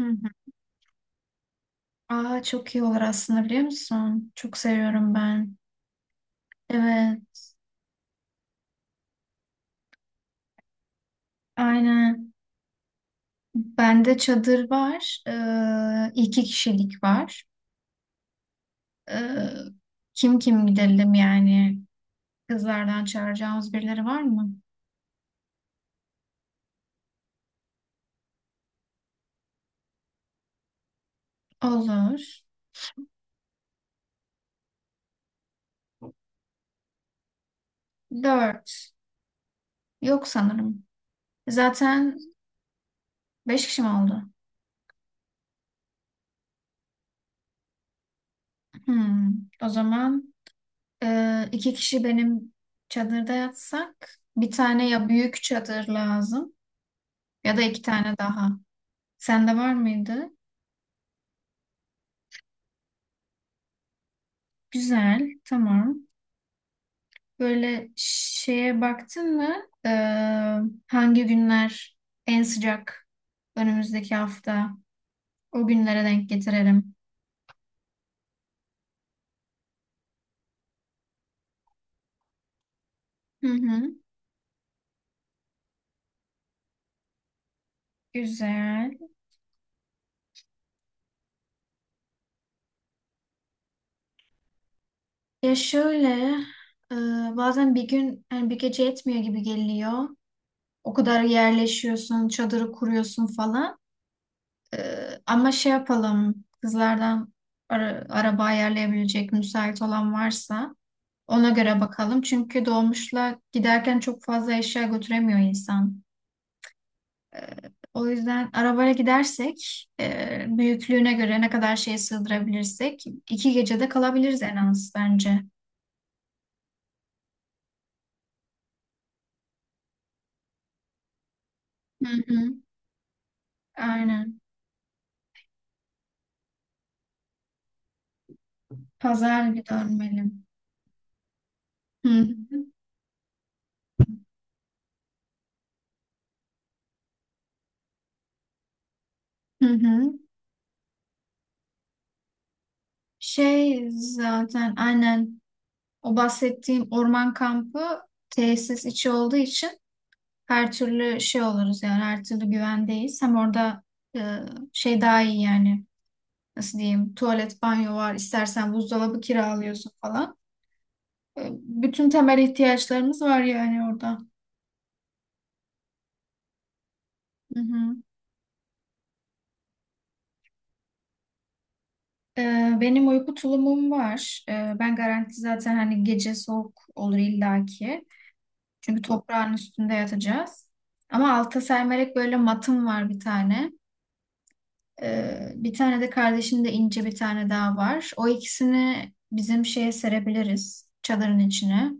Hı hı. Aa, çok iyi olur aslında biliyor musun? Çok seviyorum ben. Evet, aynen. Bende çadır var. İki kişilik var. Ee, kim gidelim yani? Kızlardan çağıracağımız birileri var mı? Olur. Dört. Yok sanırım. Zaten beş kişi mi oldu? Hmm. O zaman iki kişi benim çadırda yatsak bir tane, ya büyük çadır lazım ya da iki tane daha. Sende var mıydı? Güzel, tamam. Böyle şeye baktın mı? Ee, Hangi günler en sıcak önümüzdeki hafta? O günlere denk getirelim. Hı hı. Güzel. Ya şöyle, e, bazen bir gün, yani bir gece yetmiyor gibi geliyor. O kadar yerleşiyorsun, çadırı kuruyorsun falan. Ama şey yapalım, kızlardan araba ayarlayabilecek müsait olan varsa. Ona göre bakalım. Çünkü dolmuşla giderken çok fazla eşya götüremiyor insan. O yüzden arabayla gidersek büyüklüğüne göre ne kadar şey sığdırabilirsek iki gecede kalabiliriz en az bence. Hı hı. Aynen. Pazar günü dönmeli. Hı hı. Hı hı. Şey zaten aynen, o bahsettiğim orman kampı tesis içi olduğu için her türlü şey oluruz, yani her türlü güvendeyiz. Hem orada e, şey daha iyi, yani nasıl diyeyim, tuvalet, banyo var, istersen buzdolabı kiralıyorsun falan. Bütün temel ihtiyaçlarımız var yani orada. Hı hı. E, Benim uyku tulumum var. Ben garanti zaten, hani gece soğuk olur illaki. Çünkü toprağın üstünde yatacağız. Ama alta sermerek, böyle matım var bir tane. Bir tane de kardeşimde, ince bir tane daha var. O ikisini bizim şeye serebiliriz, çadırın içine.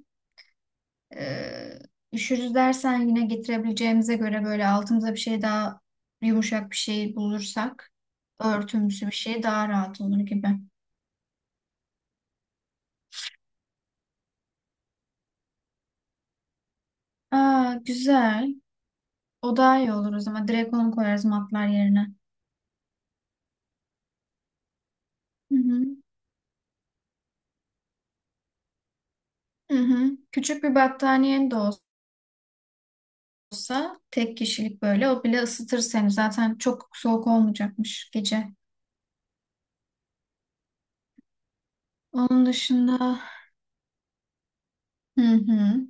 Ee, Üşürüz dersen, yine getirebileceğimize göre böyle altımıza bir şey daha, yumuşak bir şey bulursak, örtümsü bir şey daha rahat olur gibi. Aa, güzel. O daha iyi olur o zaman. Direkt onu koyarız matlar yerine. Hı hı. Hı hı. Küçük bir battaniyen de olsa, tek kişilik böyle, o bile ısıtır seni. Zaten çok soğuk olmayacakmış gece. Onun dışında, hı hı.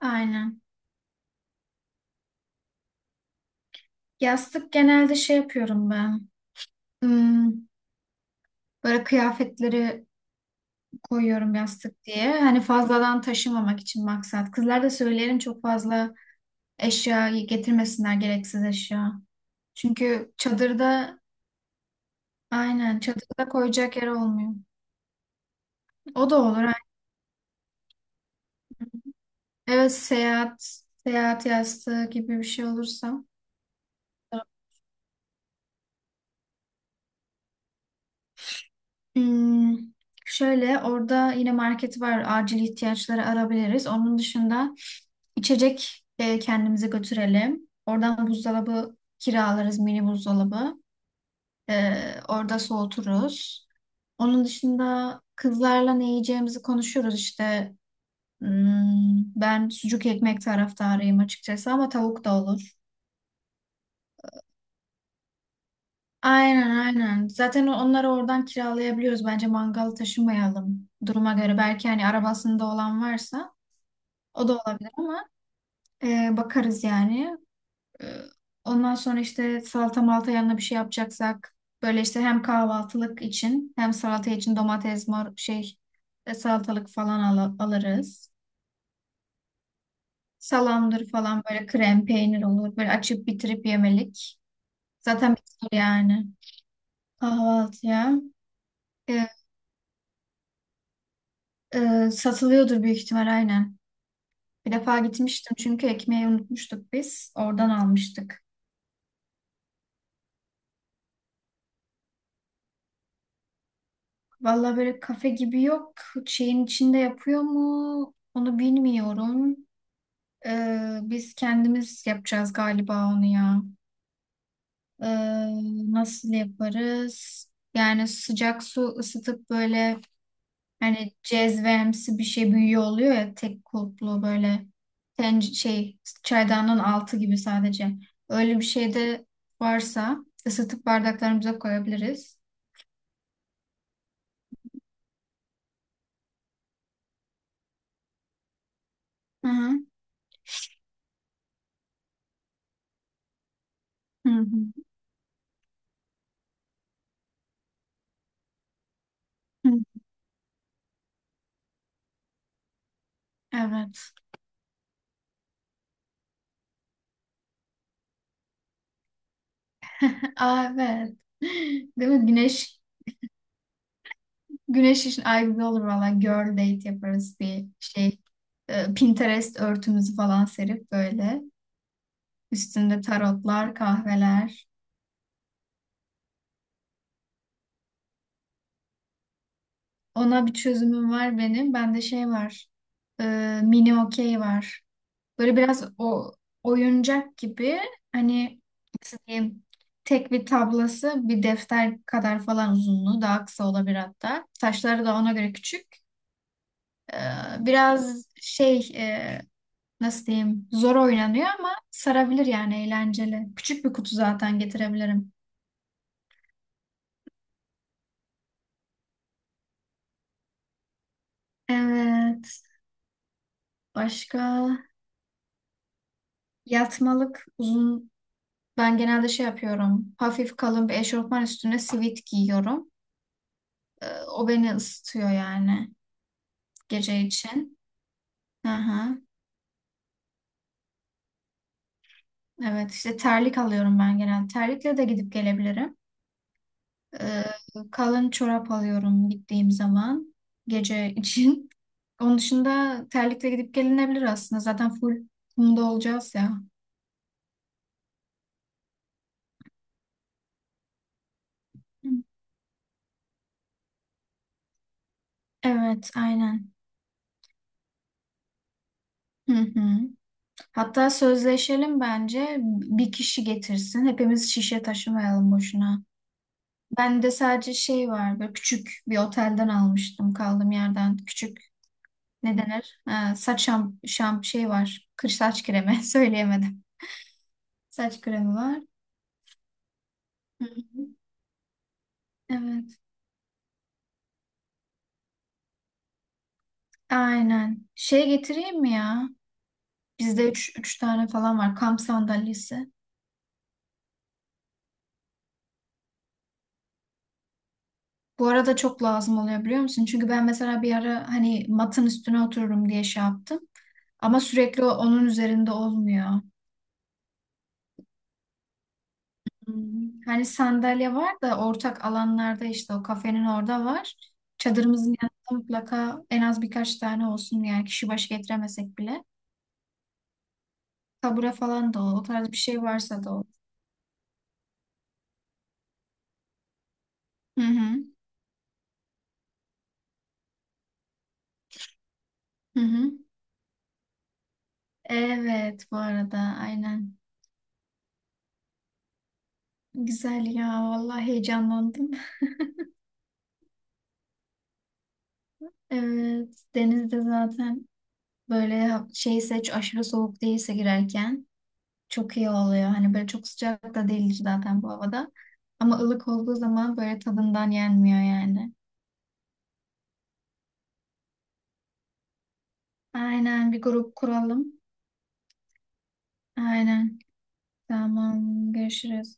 Aynen. Yastık genelde şey yapıyorum ben. Hmm. Böyle kıyafetleri koyuyorum yastık diye. Hani fazladan taşımamak için maksat. Kızlar da söylerim, çok fazla eşyayı getirmesinler, gereksiz eşya. Çünkü çadırda, aynen, çadırda koyacak yer olmuyor. O da olur, aynen. Evet, seyahat yastığı gibi bir şey olursa. Hmm, Şöyle, orada yine market var. Acil ihtiyaçları arabiliriz. Onun dışında İçecek kendimize götürelim. Oradan buzdolabı kiralarız, mini buzdolabı. E, Orada soğuturuz. Onun dışında kızlarla ne yiyeceğimizi konuşuyoruz işte. Ben sucuk ekmek taraftarıyım açıkçası, ama tavuk da olur. Aynen, aynen. Zaten onları oradan kiralayabiliyoruz. Bence mangal taşımayalım, duruma göre. Belki hani arabasında olan varsa o da olabilir, ama bakarız yani. Ee, Ondan sonra işte salata malta, yanına bir şey yapacaksak, böyle işte hem kahvaltılık için hem salata için domates, mor şey, salatalık falan alırız. Salamdır falan, böyle krem peynir olur. Böyle açıp bitirip yemelik. Zaten bitir yani. Kahvaltıya. Ee, Satılıyordur büyük ihtimal, aynen. Bir defa gitmiştim, çünkü ekmeği unutmuştuk biz. Oradan almıştık. Valla böyle kafe gibi yok. Şeyin içinde yapıyor mu? Onu bilmiyorum. Biz kendimiz yapacağız galiba onu ya. Ee, Nasıl yaparız? Yani sıcak su ısıtıp, böyle hani cezvemsi bir şey büyüyor oluyor ya, tek kulplu böyle, şey, çaydanın altı gibi sadece. Öyle bir şey de varsa, ısıtıp bardaklarımıza koyabiliriz. Hı hı. Hı hı. Hı. Evet. Aa, evet. Değil mi? Güneş için, ay güzel olur valla. Girl date yaparız bir şey. Pinterest örtümüzü falan serip böyle. Üstünde tarotlar, kahveler. Ona bir çözümüm var benim. Bende şey var. Mini okey var. Böyle biraz o, oyuncak gibi hani, nasıl diyeyim, tek bir tablası bir defter kadar falan, uzunluğu daha kısa olabilir hatta. Taşları da ona göre küçük. Ee, Biraz şey, nasıl diyeyim, zor oynanıyor ama sarabilir yani, eğlenceli. Küçük bir kutu zaten getirebilirim. Evet. Başka, yatmalık uzun, ben genelde şey yapıyorum. Hafif kalın bir eşofman üstüne sivit giyiyorum. O beni ısıtıyor yani, gece için. Aha. Evet, işte terlik alıyorum ben genelde. Terlikle de gidip gelebilirim. Ee, Kalın çorap alıyorum gittiğim zaman, gece için. Onun dışında terlikle gidip gelinebilir aslında. Zaten full kumda olacağız ya. Hı. Evet, aynen. Hı hı. Hatta sözleşelim bence, bir kişi getirsin. Hepimiz şişe taşımayalım boşuna. Ben de, sadece şey var, böyle küçük bir otelden almıştım kaldığım yerden. Küçük, ne denir? Saç şamp şamp şey var. Saç kremi söyleyemedim. Saç kremi var. Hı hı. Evet. Aynen. Şey getireyim mi ya? Bizde üç tane falan var kamp sandalyesi. Bu arada çok lazım oluyor biliyor musun? Çünkü ben mesela bir ara, hani matın üstüne otururum diye şey yaptım. Ama sürekli onun üzerinde olmuyor. Hmm, Hani sandalye var da ortak alanlarda, işte o kafenin orada var. Çadırımızın yanında mutlaka en az birkaç tane olsun, yani kişi başı getiremesek bile. Kabura falan da, o tarz bir şey varsa, da o. Hı hı. Hı hı. Evet, bu arada aynen. Güzel ya, vallahi heyecanlandım. Evet, denizde zaten böyle, şeyse, aşırı soğuk değilse girerken, çok iyi oluyor. Hani böyle çok sıcak da değil zaten bu havada. Ama ılık olduğu zaman böyle, tadından yenmiyor yani. Aynen, bir grup kuralım. Aynen. Tamam, görüşürüz.